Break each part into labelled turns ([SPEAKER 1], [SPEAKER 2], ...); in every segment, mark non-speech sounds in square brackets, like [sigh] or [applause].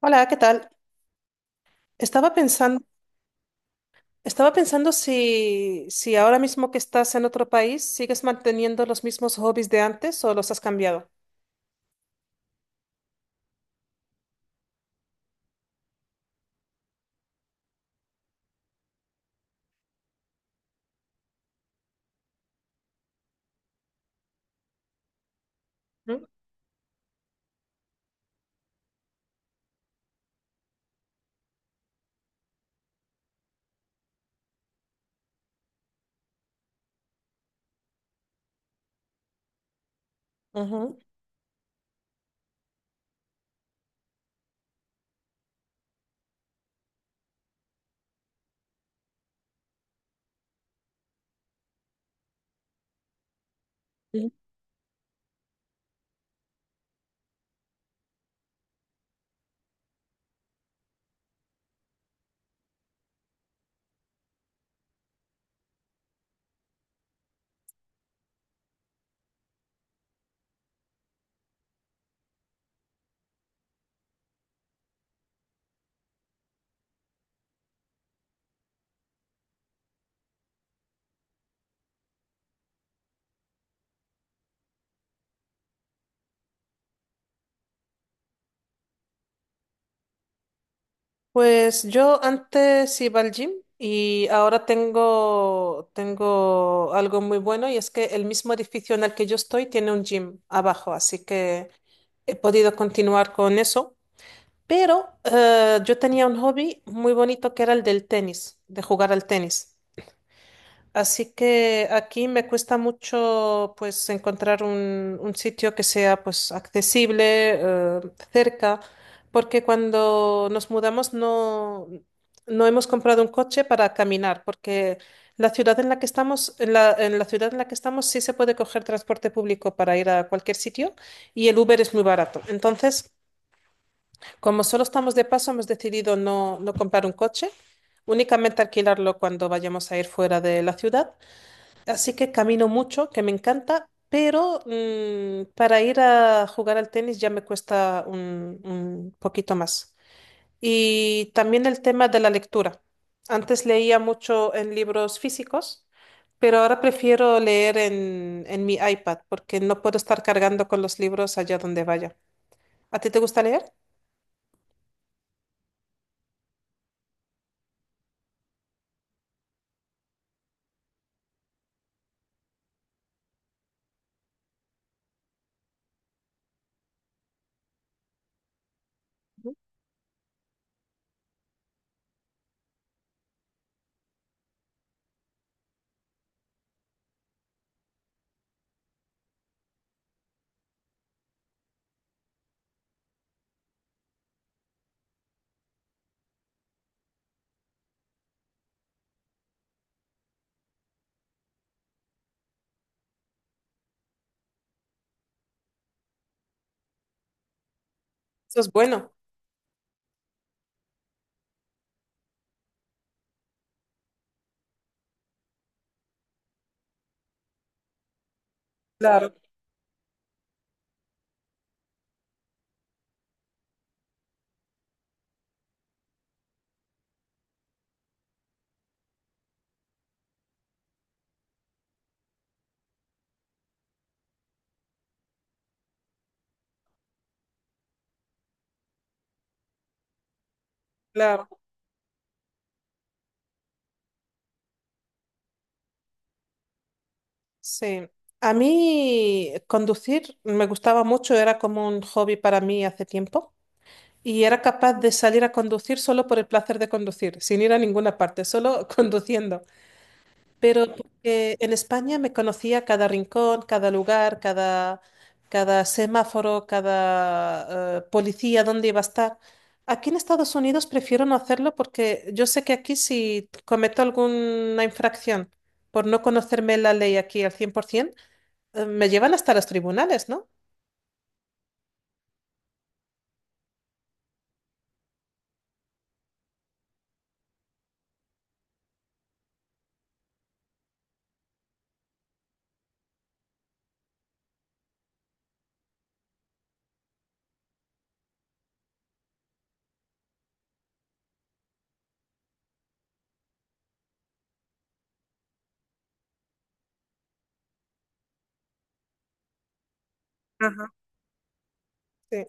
[SPEAKER 1] Hola, ¿qué tal? Estaba pensando, estaba pensando si ahora mismo que estás en otro país, ¿sigues manteniendo los mismos hobbies de antes o los has cambiado? ¿Mm? Ujú, ujú. Pues yo antes iba al gym y ahora tengo algo muy bueno, y es que el mismo edificio en el que yo estoy tiene un gym abajo, así que he podido continuar con eso. Pero yo tenía un hobby muy bonito que era el del tenis, de jugar al tenis. Así que aquí me cuesta mucho pues encontrar un sitio que sea pues accesible, eh, cerca, porque cuando nos mudamos no hemos comprado un coche, para caminar, porque la ciudad en la que estamos, en la ciudad en la que estamos sí se puede coger transporte público para ir a cualquier sitio, y el Uber es muy barato. Entonces, como solo estamos de paso, hemos decidido no comprar un coche, únicamente alquilarlo cuando vayamos a ir fuera de la ciudad. Así que camino mucho, que me encanta, pero para ir a jugar al tenis ya me cuesta un poquito más. Y también el tema de la lectura. Antes leía mucho en libros físicos, pero ahora prefiero leer en mi iPad porque no puedo estar cargando con los libros allá donde vaya. ¿A ti te gusta leer? Eso es bueno. Claro, claro. Sí. A mí conducir me gustaba mucho, era como un hobby para mí hace tiempo. Y era capaz de salir a conducir solo por el placer de conducir, sin ir a ninguna parte, solo [laughs] conduciendo. Pero porque en España me conocía cada rincón, cada lugar, cada semáforo, cada policía, dónde iba a estar. Aquí en Estados Unidos prefiero no hacerlo porque yo sé que aquí si cometo alguna infracción por no conocerme la ley aquí al 100%, me llevan hasta los tribunales, ¿no? Ajá. Sí,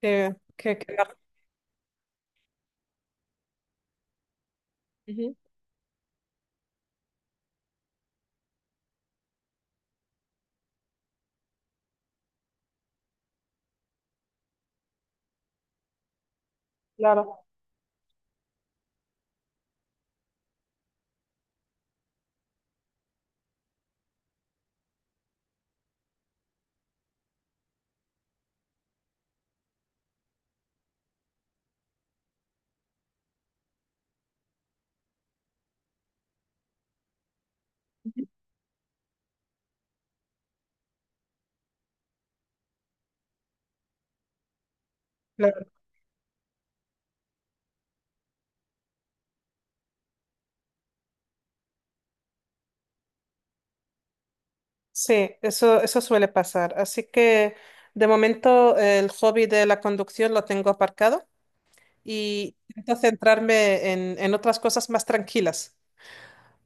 [SPEAKER 1] que- Ujú. Claro. Claro. Sí, eso suele pasar. Así que de momento el hobby de la conducción lo tengo aparcado, y intento centrarme en otras cosas más tranquilas.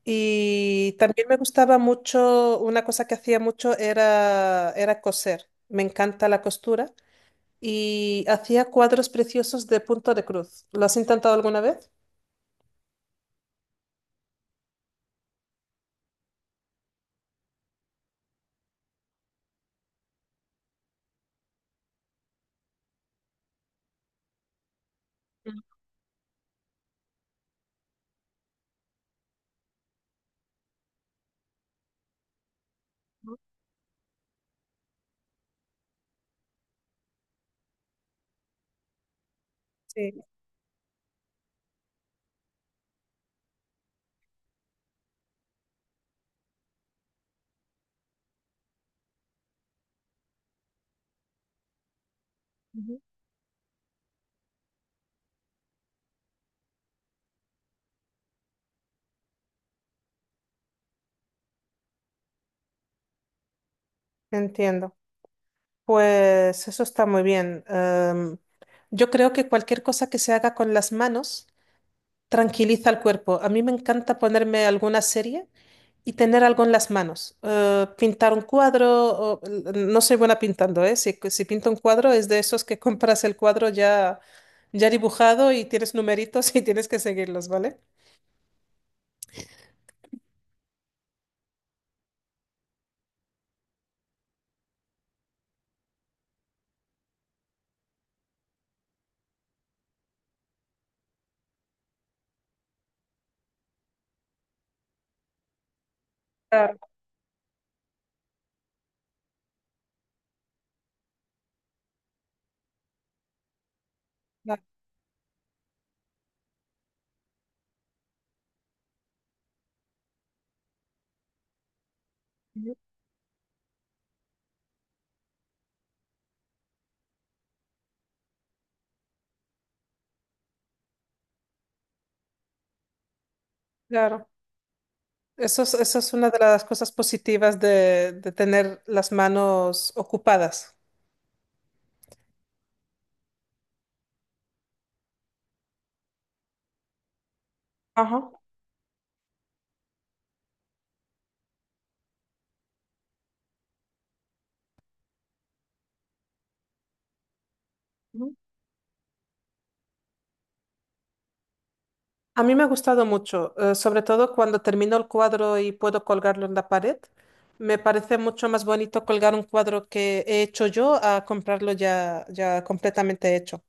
[SPEAKER 1] Y también me gustaba mucho, una cosa que hacía mucho era coser. Me encanta la costura y hacía cuadros preciosos de punto de cruz. ¿Lo has intentado alguna vez? Mm. Sí. Ujú. Entiendo. Pues eso está muy bien. Yo creo que cualquier cosa que se haga con las manos tranquiliza al cuerpo. A mí me encanta ponerme alguna serie y tener algo en las manos. Pintar un cuadro, o- no soy buena pintando, ¿eh? Si pinto un cuadro, es de esos que [laughs] compras el cuadro ya, ya dibujado, y tienes numeritos [laughs] y tienes que seguirlos, ¿vale? Claro. Claro, claro. Eso es una de las cosas positivas de tener las manos ocupadas. Ajá. A mí me ha gustado mucho, sobre todo cuando termino el cuadro y puedo colgarlo en la pared. Me parece mucho más bonito colgar un cuadro que he hecho yo a comprarlo ya, ya completamente hecho.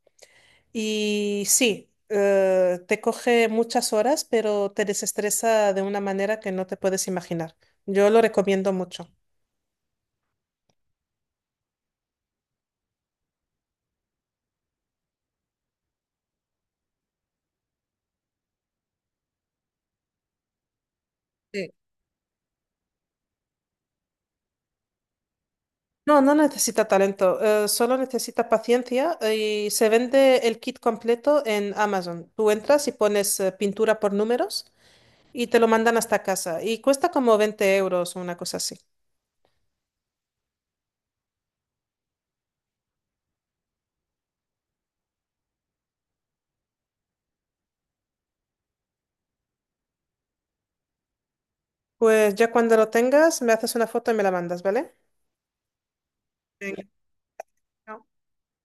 [SPEAKER 1] Y sí, te coge muchas horas, pero te desestresa de una manera que no te puedes imaginar. Yo lo recomiendo mucho. Sí. No, no necesita talento, solo necesita paciencia, y se vende el kit completo en Amazon. Tú entras y pones pintura por números y te lo mandan hasta casa. Y cuesta como 20 euros o una cosa así. Pues ya cuando lo tengas, me haces una foto y me la mandas, ¿vale? Venga. Chao.